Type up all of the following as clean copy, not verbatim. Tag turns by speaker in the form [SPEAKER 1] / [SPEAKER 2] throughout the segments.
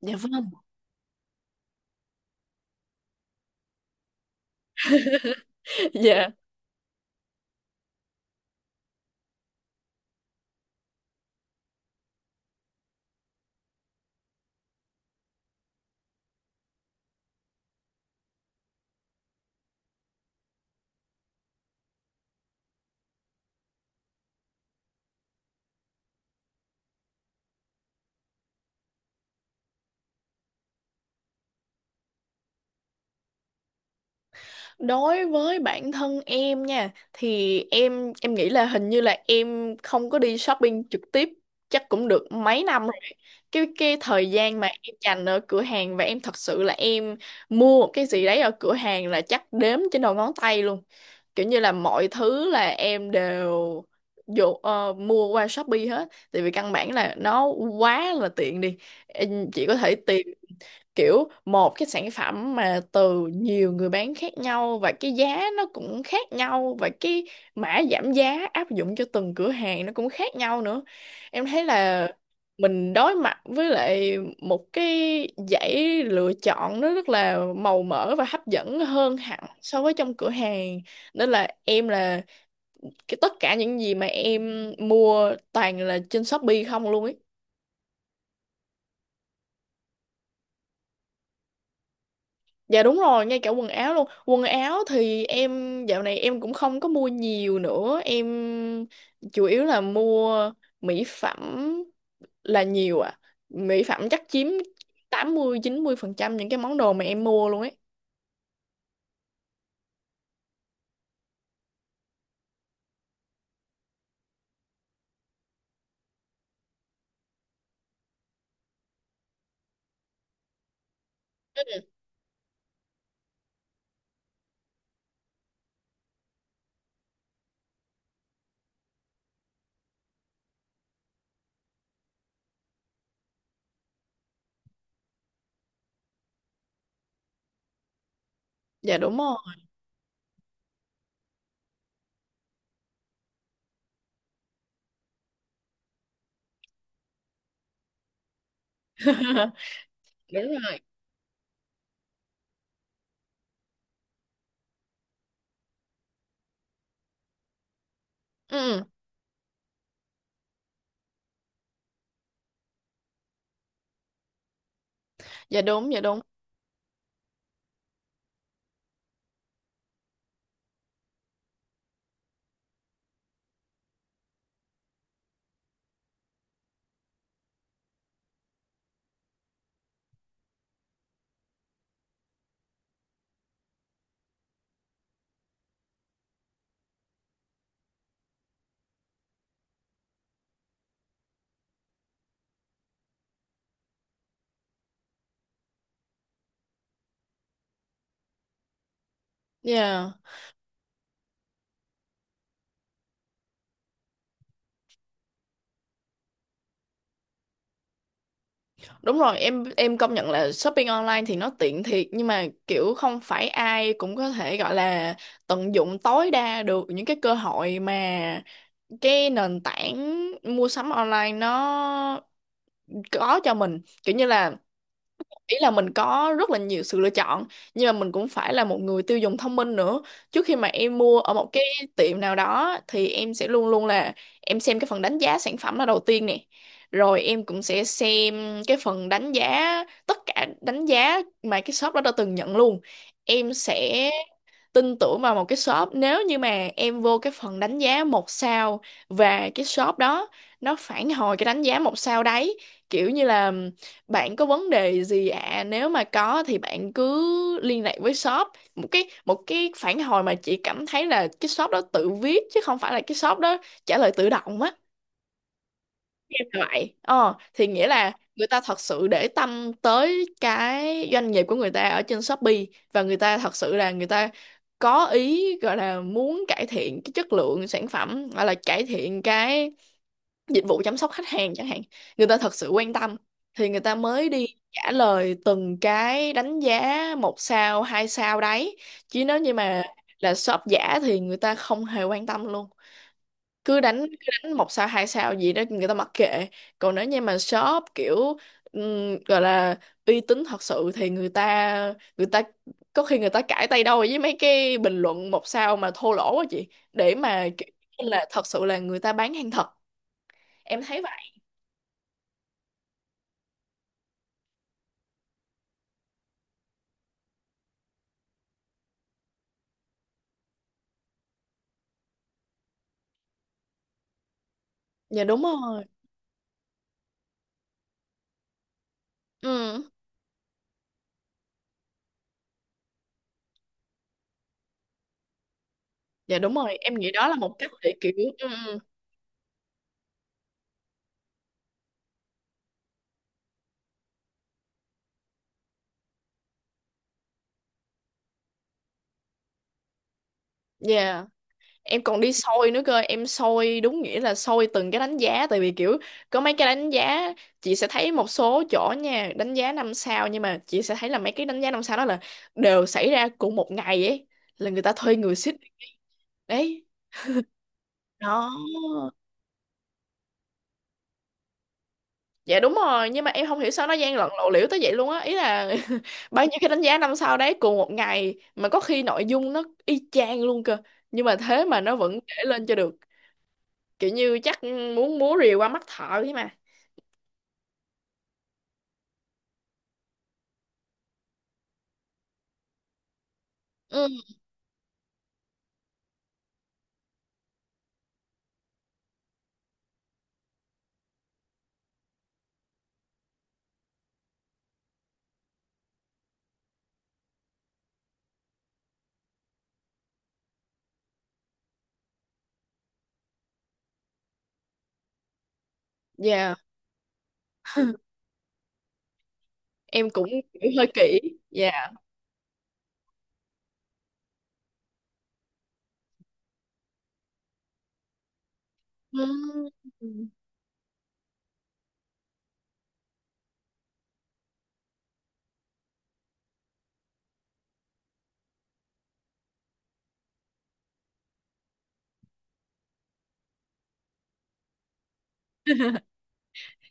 [SPEAKER 1] Dạ vâng. Dạ. Đối với bản thân em nha thì em nghĩ là hình như là em không có đi shopping trực tiếp chắc cũng được mấy năm rồi. Cái thời gian mà em dành ở cửa hàng và em thật sự là em mua một cái gì đấy ở cửa hàng là chắc đếm trên đầu ngón tay luôn. Kiểu như là mọi thứ là em đều dụ mua qua Shopee hết, tại vì căn bản là nó quá là tiện đi. Em chỉ có thể tìm kiểu một cái sản phẩm mà từ nhiều người bán khác nhau và cái giá nó cũng khác nhau, và cái mã giảm giá áp dụng cho từng cửa hàng nó cũng khác nhau nữa. Em thấy là mình đối mặt với lại một cái dãy lựa chọn nó rất là màu mỡ và hấp dẫn hơn hẳn so với trong cửa hàng, nên là em là cái tất cả những gì mà em mua toàn là trên Shopee không luôn ấy. Dạ đúng rồi, ngay cả quần áo luôn. Quần áo thì em dạo này em cũng không có mua nhiều nữa. Em chủ yếu là mua mỹ phẩm là nhiều à. Mỹ phẩm chắc chiếm tám mươi mươi 90% những cái món đồ mà em mua luôn ấy. Dạ đúng rồi. Đúng rồi. Ừ, dạ đúng, dạ đúng. Dạ. Đúng rồi, em công nhận là shopping online thì nó tiện thiệt, nhưng mà kiểu không phải ai cũng có thể gọi là tận dụng tối đa được những cái cơ hội mà cái nền tảng mua sắm online nó có cho mình. Kiểu như là, ý là mình có rất là nhiều sự lựa chọn nhưng mà mình cũng phải là một người tiêu dùng thông minh nữa. Trước khi mà em mua ở một cái tiệm nào đó thì em sẽ luôn luôn là em xem cái phần đánh giá sản phẩm là đầu tiên nè, rồi em cũng sẽ xem cái phần đánh giá, tất cả đánh giá mà cái shop đó đã từng nhận luôn. Em sẽ tin tưởng vào một cái shop nếu như mà em vô cái phần đánh giá một sao và cái shop đó nó phản hồi cái đánh giá một sao đấy, kiểu như là bạn có vấn đề gì ạ à? Nếu mà có thì bạn cứ liên lạc với shop, một cái phản hồi mà chị cảm thấy là cái shop đó tự viết chứ không phải là cái shop đó trả lời tự động á. Em là vậy. Ờ, thì nghĩa là người ta thật sự để tâm tới cái doanh nghiệp của người ta ở trên Shopee, và người ta thật sự là người ta có ý, gọi là muốn cải thiện cái chất lượng sản phẩm hoặc là cải thiện cái dịch vụ chăm sóc khách hàng chẳng hạn. Người ta thật sự quan tâm thì người ta mới đi trả lời từng cái đánh giá một sao, hai sao đấy. Chứ nếu như mà là shop giả thì người ta không hề quan tâm luôn, cứ đánh một sao hai sao gì đó người ta mặc kệ. Còn nếu như mà shop kiểu gọi là uy tín thật sự thì người ta có khi người ta cãi tay đâu với mấy cái bình luận một sao mà thô lỗ á chị, để mà kiểu là thật sự là người ta bán hàng thật. Em thấy vậy. Dạ đúng rồi. Ừ. Dạ đúng rồi, em nghĩ đó là một cách để kiểu. Ừ, ừ. Dạ, em còn đi soi nữa cơ, em soi đúng nghĩa là soi từng cái đánh giá. Tại vì kiểu có mấy cái đánh giá, chị sẽ thấy một số chỗ nha, đánh giá năm sao nhưng mà chị sẽ thấy là mấy cái đánh giá năm sao đó là đều xảy ra cùng một ngày ấy, là người ta thuê người xích đấy đó. Dạ đúng rồi, nhưng mà em không hiểu sao nó gian lận lộ liễu tới vậy luôn á, ý là bao nhiêu cái đánh giá năm sao đấy cùng một ngày mà có khi nội dung nó y chang luôn cơ, nhưng mà thế mà nó vẫn để lên cho được, kiểu như chắc muốn múa rìu qua mắt thợ ấy mà. Ừ. Dạ. Em cũng kiểu hơi kỹ. Dạ. Ừm.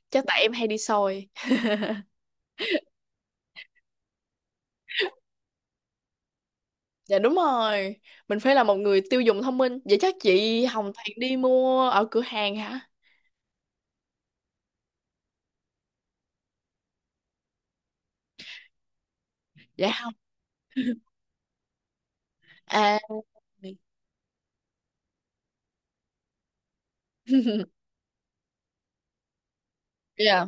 [SPEAKER 1] Chắc tại em hay đi soi. Dạ đúng rồi. Mình phải là một người tiêu dùng thông minh. Vậy chắc chị Hồng thẹn đi mua ở cửa hàng hả? Dạ không. À. Dạ.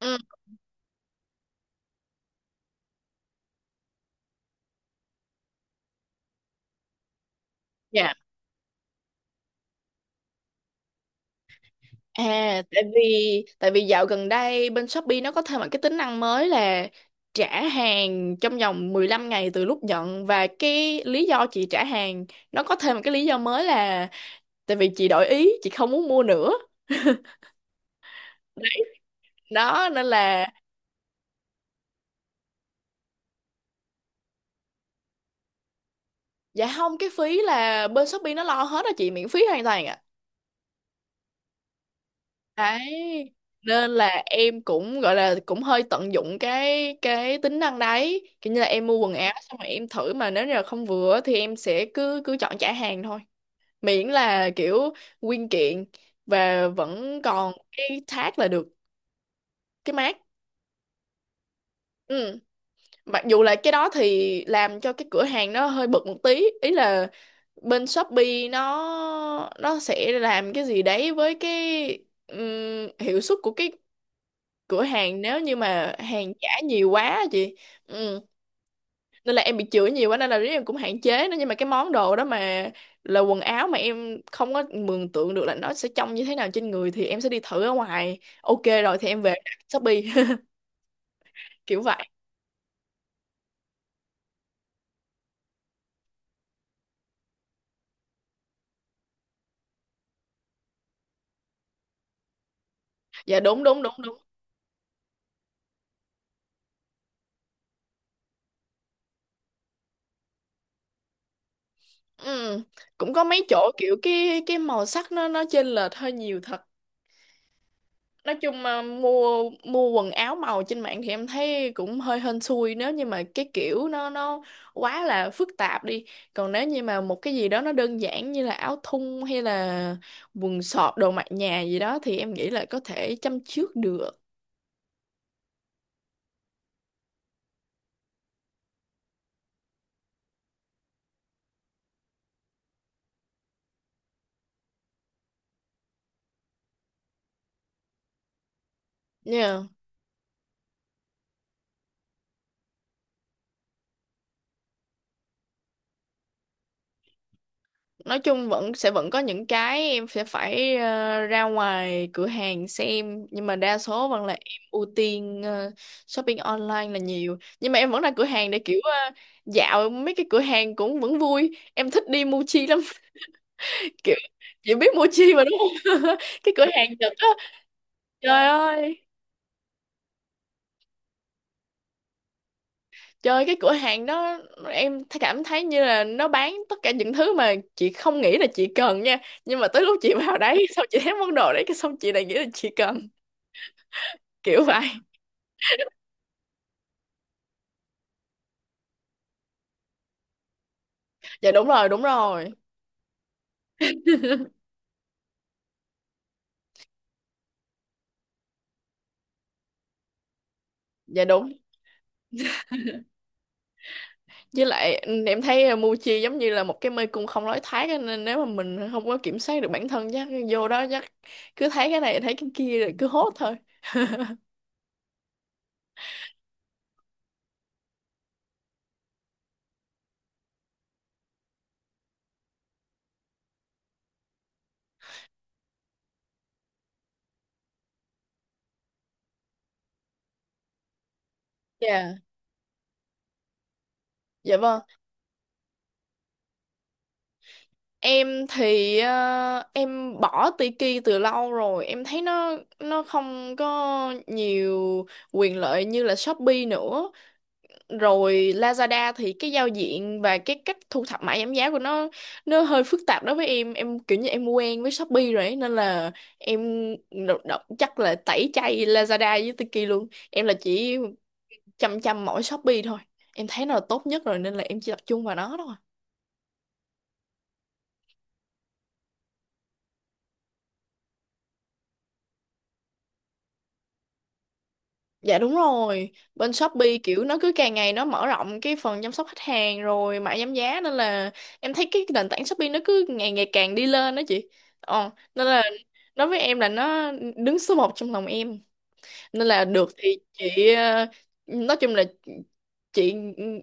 [SPEAKER 1] Ừ. Dạ. À, tại vì tại vì dạo gần đây bên Shopee nó có thêm một cái tính năng mới là trả hàng trong vòng 15 ngày từ lúc nhận, và cái lý do chị trả hàng nó có thêm một cái lý do mới là tại vì chị đổi ý, chị không muốn mua nữa. Đó nên là dạ không, cái phí là bên Shopee nó lo hết á chị, miễn phí hoàn toàn ạ. Đấy, nên là em cũng gọi là cũng hơi tận dụng cái tính năng đấy, kiểu như là em mua quần áo xong rồi em thử mà nếu như là không vừa á thì em sẽ cứ cứ chọn trả hàng thôi, miễn là kiểu nguyên kiện và vẫn còn cái tag là được, cái mác. Ừ. Mặc dù là cái đó thì làm cho cái cửa hàng nó hơi bực một tí, ý là bên Shopee nó sẽ làm cái gì đấy với cái hiệu suất của cái cửa hàng nếu như mà hàng giả nhiều quá á chị. Ừ. Nên là em bị chửi nhiều quá nên là riết em cũng hạn chế nó, nhưng mà cái món đồ đó mà là quần áo mà em không có mường tượng được là nó sẽ trông như thế nào trên người thì em sẽ đi thử ở ngoài. Ok, rồi thì em về đặt Shopee kiểu vậy. Dạ đúng đúng đúng đúng. Ừ, cũng có mấy chỗ kiểu cái màu sắc nó chênh lệch hơi nhiều thật. Nói chung mà mua mua quần áo màu trên mạng thì em thấy cũng hơi hên xui, nếu như mà cái kiểu nó quá là phức tạp đi. Còn nếu như mà một cái gì đó nó đơn giản như là áo thun hay là quần sọt, đồ mặc nhà gì đó thì em nghĩ là có thể chăm chước được. Nha. Nói chung vẫn sẽ vẫn có những cái em sẽ phải ra ngoài cửa hàng xem, nhưng mà đa số vẫn là em ưu tiên shopping online là nhiều, nhưng mà em vẫn ra cửa hàng để kiểu dạo mấy cái cửa hàng cũng vẫn vui, em thích đi Muji lắm. Kiểu, chị biết Muji mà đúng không? Cái cửa hàng Nhật á. Trời ơi. Trời, cái cửa hàng đó em cảm thấy như là nó bán tất cả những thứ mà chị không nghĩ là chị cần nha, nhưng mà tới lúc chị vào đấy xong chị thấy món đồ đấy cái xong chị lại nghĩ là chị cần, kiểu vậy. Dạ đúng rồi đúng rồi. Dạ đúng. Với lại ừ, em thấy Muji giống như là một cái mê cung không lối thoát á, nên nếu mà mình không có kiểm soát được bản thân chắc vô đó chắc cứ thấy cái này thấy cái kia rồi cứ hốt thôi. Dạ. Dạ vâng. Em thì em bỏ Tiki từ lâu rồi, em thấy nó không có nhiều quyền lợi như là Shopee nữa, rồi Lazada thì cái giao diện và cái cách thu thập mã giảm giá của nó hơi phức tạp đối với em kiểu như em quen với Shopee rồi ấy, nên là em chắc là tẩy chay Lazada với Tiki luôn, em là chỉ chăm chăm mỗi Shopee thôi, em thấy nó là tốt nhất rồi nên là em chỉ tập trung vào nó thôi. Dạ đúng rồi, bên Shopee kiểu nó cứ càng ngày nó mở rộng cái phần chăm sóc khách hàng rồi mã giảm giá, nên là em thấy cái nền tảng Shopee nó cứ ngày ngày càng đi lên đó chị. Ờ, nên là đối với em là nó đứng số một trong lòng em. Nên là được thì chị ờ, nói chung là chị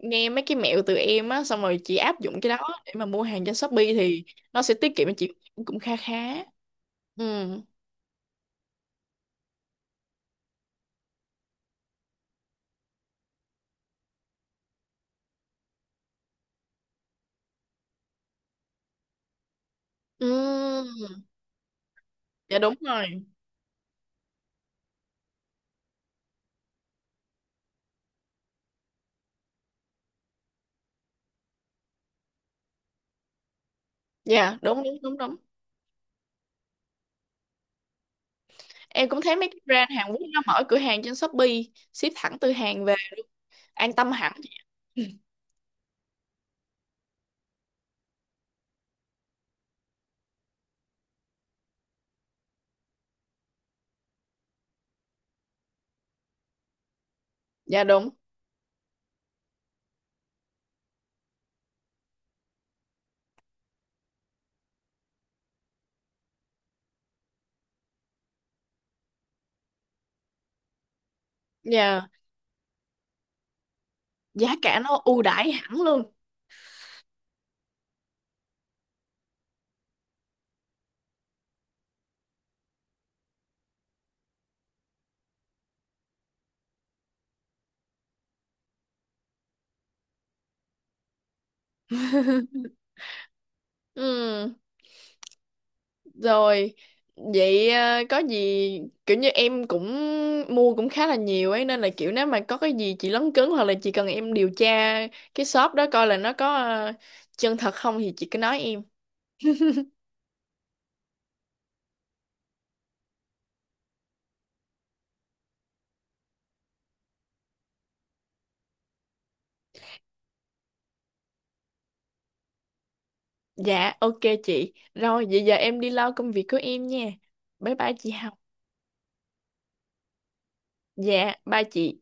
[SPEAKER 1] nghe mấy cái mẹo từ em á xong rồi chị áp dụng cái đó để mà mua hàng trên Shopee thì nó sẽ tiết kiệm cho chị cũng kha khá. Ừ. Ừ. Dạ đúng rồi. Dạ đúng đúng đúng đúng. Em cũng thấy mấy cái brand Hàn Quốc nó mở cửa hàng trên Shopee, ship thẳng từ Hàn về, an tâm hẳn. Dạ đúng. Dạ, giá cả nó ưu đãi hẳn luôn. Ừ, rồi vậy ờ, có gì kiểu như em cũng mua cũng khá là nhiều ấy, nên là kiểu nếu mà có cái gì chị lấn cấn hoặc là chị cần em điều tra cái shop đó coi là nó có ờ, chân thật không thì chị cứ nói em. Dạ ok chị. Rồi vậy giờ em đi lo công việc của em nha. Bye bye chị Hồng. Dạ bye chị.